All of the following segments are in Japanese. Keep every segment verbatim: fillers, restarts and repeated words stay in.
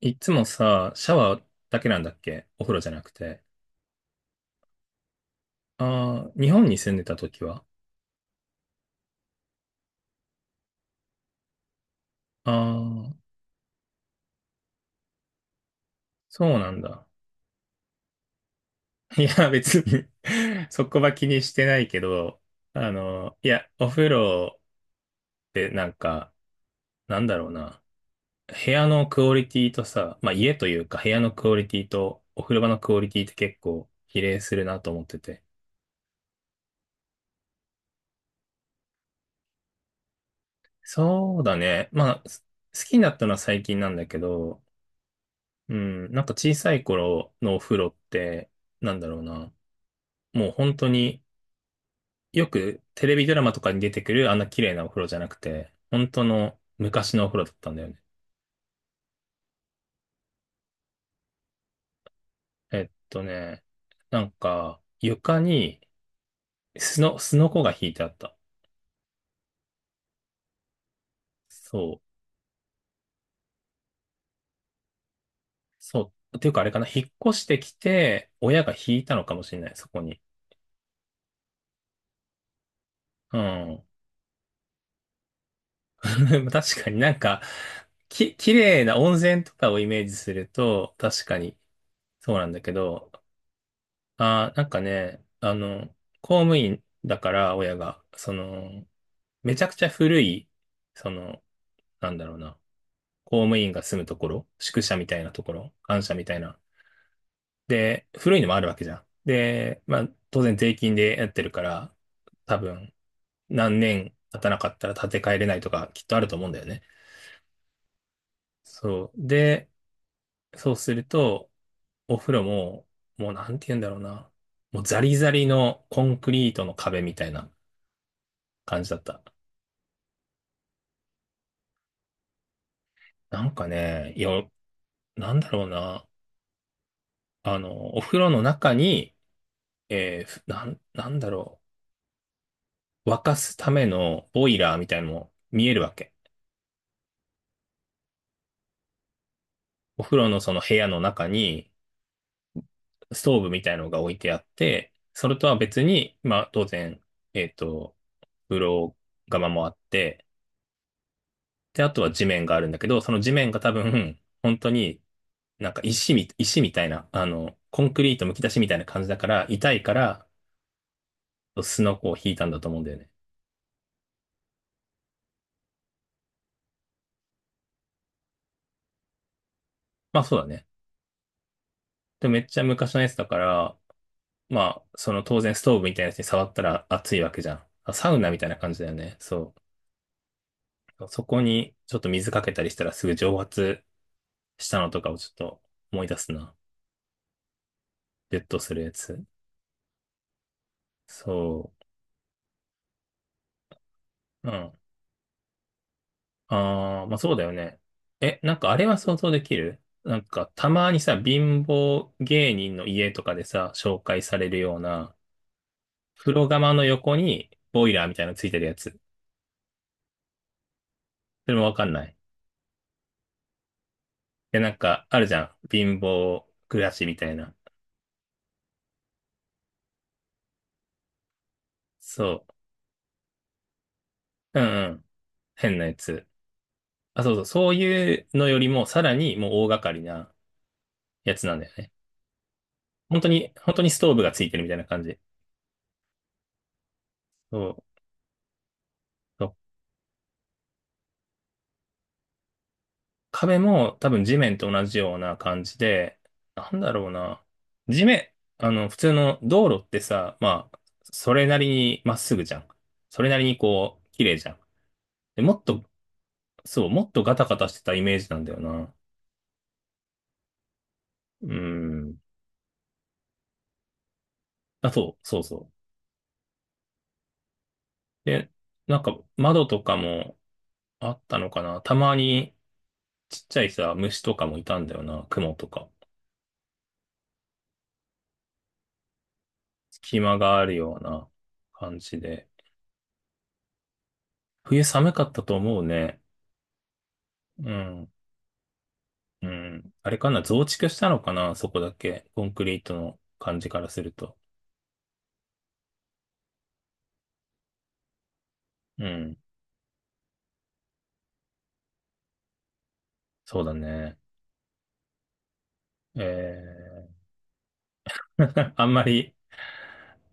いつもさ、シャワーだけなんだっけ？お風呂じゃなくて。ああ、日本に住んでた時はああ、そうなんだ。いや、別に そこは気にしてないけど、あの、いや、お風呂ってなんか、なんだろうな。部屋のクオリティとさ、まあ家というか部屋のクオリティとお風呂場のクオリティって結構比例するなと思ってて。そうだね。まあ、す好きになったのは最近なんだけど、うん、なんか小さい頃のお風呂って、なんだろうな。もう本当によくテレビドラマとかに出てくるあんな綺麗なお風呂じゃなくて、本当の昔のお風呂だったんだよね。えっとね、なんか床にすの、すのこが引いてあった。そう、そう。っていうかあれかな、引っ越してきて、親が引いたのかもしれない、そこに。うん。確かになんか、き、綺麗な温泉とかをイメージすると、確かにそうなんだけど、あー、なんかね、あの、公務員だから、親が、その、めちゃくちゃ古い、その、なんだろうな、公務員が住むところ、宿舎みたいなところ、官舎みたいな。で、古いのもあるわけじゃん。で、まあ、当然税金でやってるから、多分、何年経たなかったら建て替えれないとか、きっとあると思うんだよね。そう。で、そうすると、お風呂も、もうなんて言うんだろうな、もうザリザリのコンクリートの壁みたいな感じだった。なんかね、いや、なんだろうな。あの、お風呂の中に、えーふなん、なんだろう。沸かすためのボイラーみたいのも見えるわけ。お風呂のその部屋の中に、ストーブみたいのが置いてあって、それとは別に、まあ当然、えっと、風呂釜もあって、で、あとは地面があるんだけど、その地面が多分、本当になんか石み、石みたいな、あの、コンクリートむき出しみたいな感じだから、痛いから、スノコを引いたんだと思うんだよね。まあそうだね。でもめっちゃ昔のやつだから、まあ、その当然ストーブみたいなやつに触ったら熱いわけじゃん。あ、サウナみたいな感じだよね。そう。そこにちょっと水かけたりしたらすぐ蒸発したのとかをちょっと思い出すな。ベッドするやつ。そう。うん。ああ、まあそうだよね。え、なんかあれは想像できる、なんかたまにさ、貧乏芸人の家とかでさ、紹介されるような、風呂釜の横にボイラーみたいなのついてるやつ。それもわかんない。いや、なんか、あるじゃん。貧乏暮らしみたいな。そう。うんうん。変なやつ。あ、そうそう。そういうのよりも、さらにもう大掛かりなやつなんだよね。本当に、本当にストーブがついてるみたいな感じ。そう。そう、壁も多分地面と同じような感じで、なんだろうな。地面、あの、普通の道路ってさ、まあ、それなりにまっすぐじゃん。それなりにこう、綺麗じゃん。で、もっと、そう、もっとガタガタしてたイメージなんだよな。うん。あ、そう、そうそう。で、なんか窓とかもあったのかな。たまにちっちゃいさ、虫とかもいたんだよな。雲とか。隙間があるような感じで。冬寒かったと思うね。うん。うん。あれかな。増築したのかな、そこだけ。コンクリートの感じからすると。うん。そうだね。えー、あんまり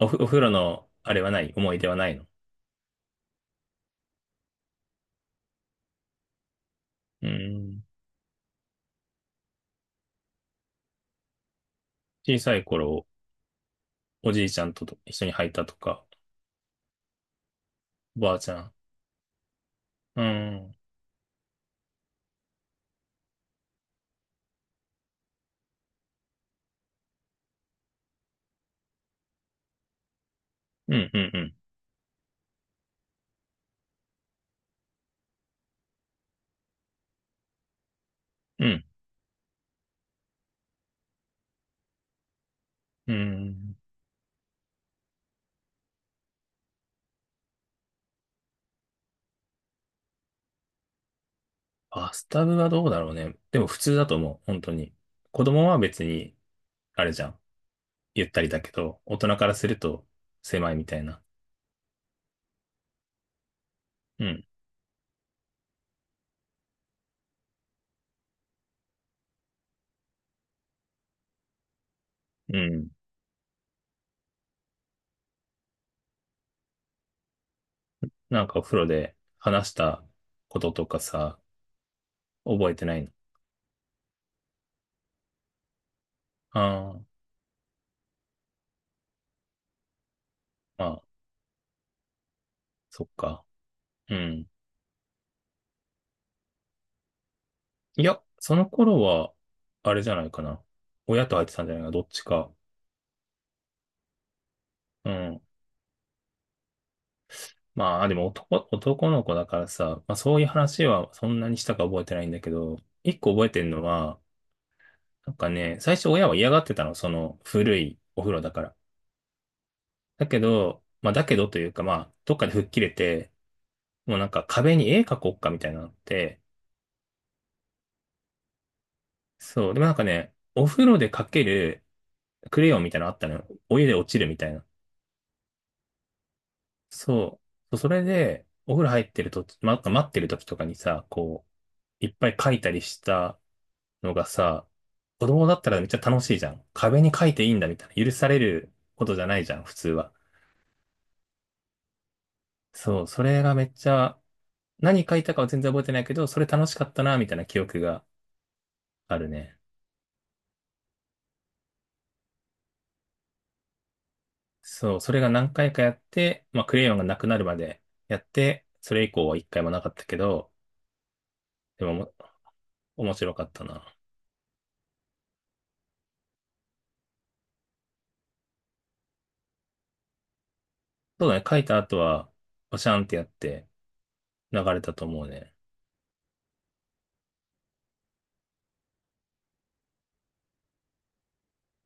おふ、お風呂のあれはない。思い出はないの。うん。小さい頃、おじいちゃんと一緒に履いたとか、おばあちゃん。うん。うん、うん、うん。うん、うん。バスタブはどうだろうね。でも普通だと思う、本当に。子供は別に、あれじゃん。ゆったりだけど、大人からすると狭いみたいな。うん、うん。なんかお風呂で話したこととかさ、覚えてないの。ああ、まあ、そっか。うん。いや、その頃は、あれじゃないかな。親と入ってたんじゃないかな、どっちか。うん。まあ、でも男、男の子だからさ、まあそういう話はそんなにしたか覚えてないんだけど、一個覚えてるのは、なんかね、最初親は嫌がってたの、その古いお風呂だから。だけど、まあだけどというか、まあ、どっかで吹っ切れて、もうなんか壁に絵描こうかみたいなのあって、そう、でもなんかね、お風呂で描けるクレヨンみたいなのあったのよ。お湯で落ちるみたいな。そう、それで、お風呂入ってると、ま、待ってる時とかにさ、こう、いっぱい描いたりしたのがさ、子供だったらめっちゃ楽しいじゃん。壁に書いていいんだみたいな。許されることじゃないじゃん、普通は。そう、それがめっちゃ、何書いたかは全然覚えてないけど、それ楽しかったな、みたいな記憶があるね。そう、それが何回かやって、まあ、クレヨンがなくなるまでやって、それ以降は一回もなかったけど、でもも、面白かったな。そうだね、書いた後は、おシャンってやって流れたと思うね。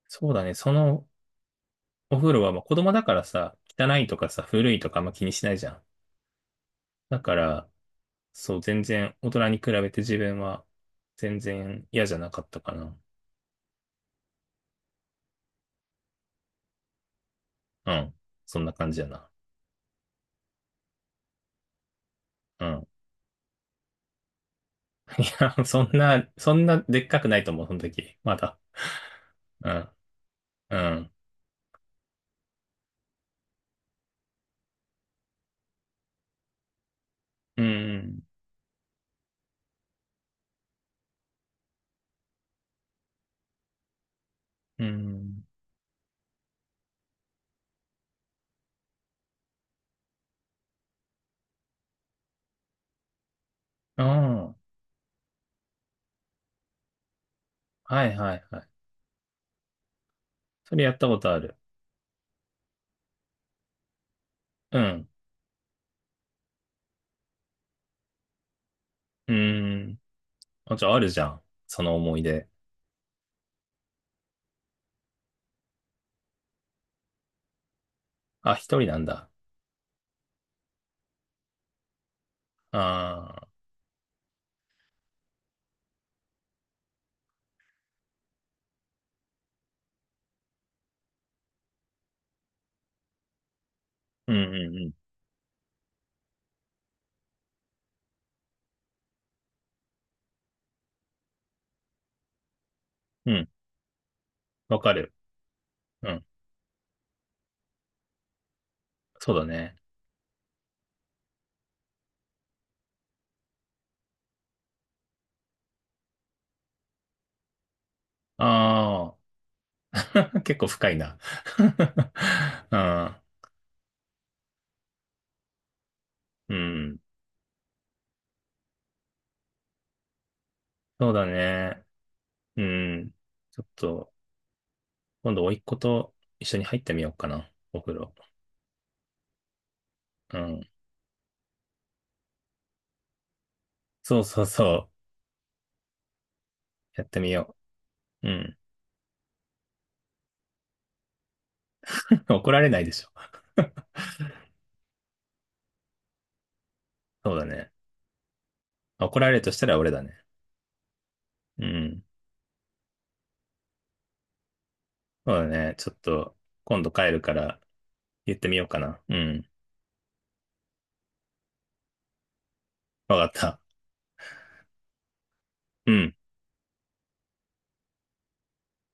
そうだね、そのお風呂は、まあ、子供だからさ、汚いとかさ、古いとかあんま気にしないじゃん。だから、そう、全然、大人に比べて自分は、全然嫌じゃなかったかな。うん。そんな感じやな。うん。いや、そんな、そんなでっかくないと思う、その時。まだ。うん。うん。うん。うん。あん。はいはいはい。それやったことある。うん。うん。あ、じゃああるじゃん、その思い出。あ、一人なんだ。ああ。うんうんうん。うん。わかる。うん。そうだね。ああ。結構深いな ああ、うん。そうだね。うん。ちょっと、今度、甥っ子と一緒に入ってみようかな。お風呂。うん。そうそうそう。やってみよう。うん。怒られないでしょ。そうだね。怒られるとしたら俺だね。うん。そうだね。ちょっと、今度帰るから言ってみようかな。うん。わかった。うん。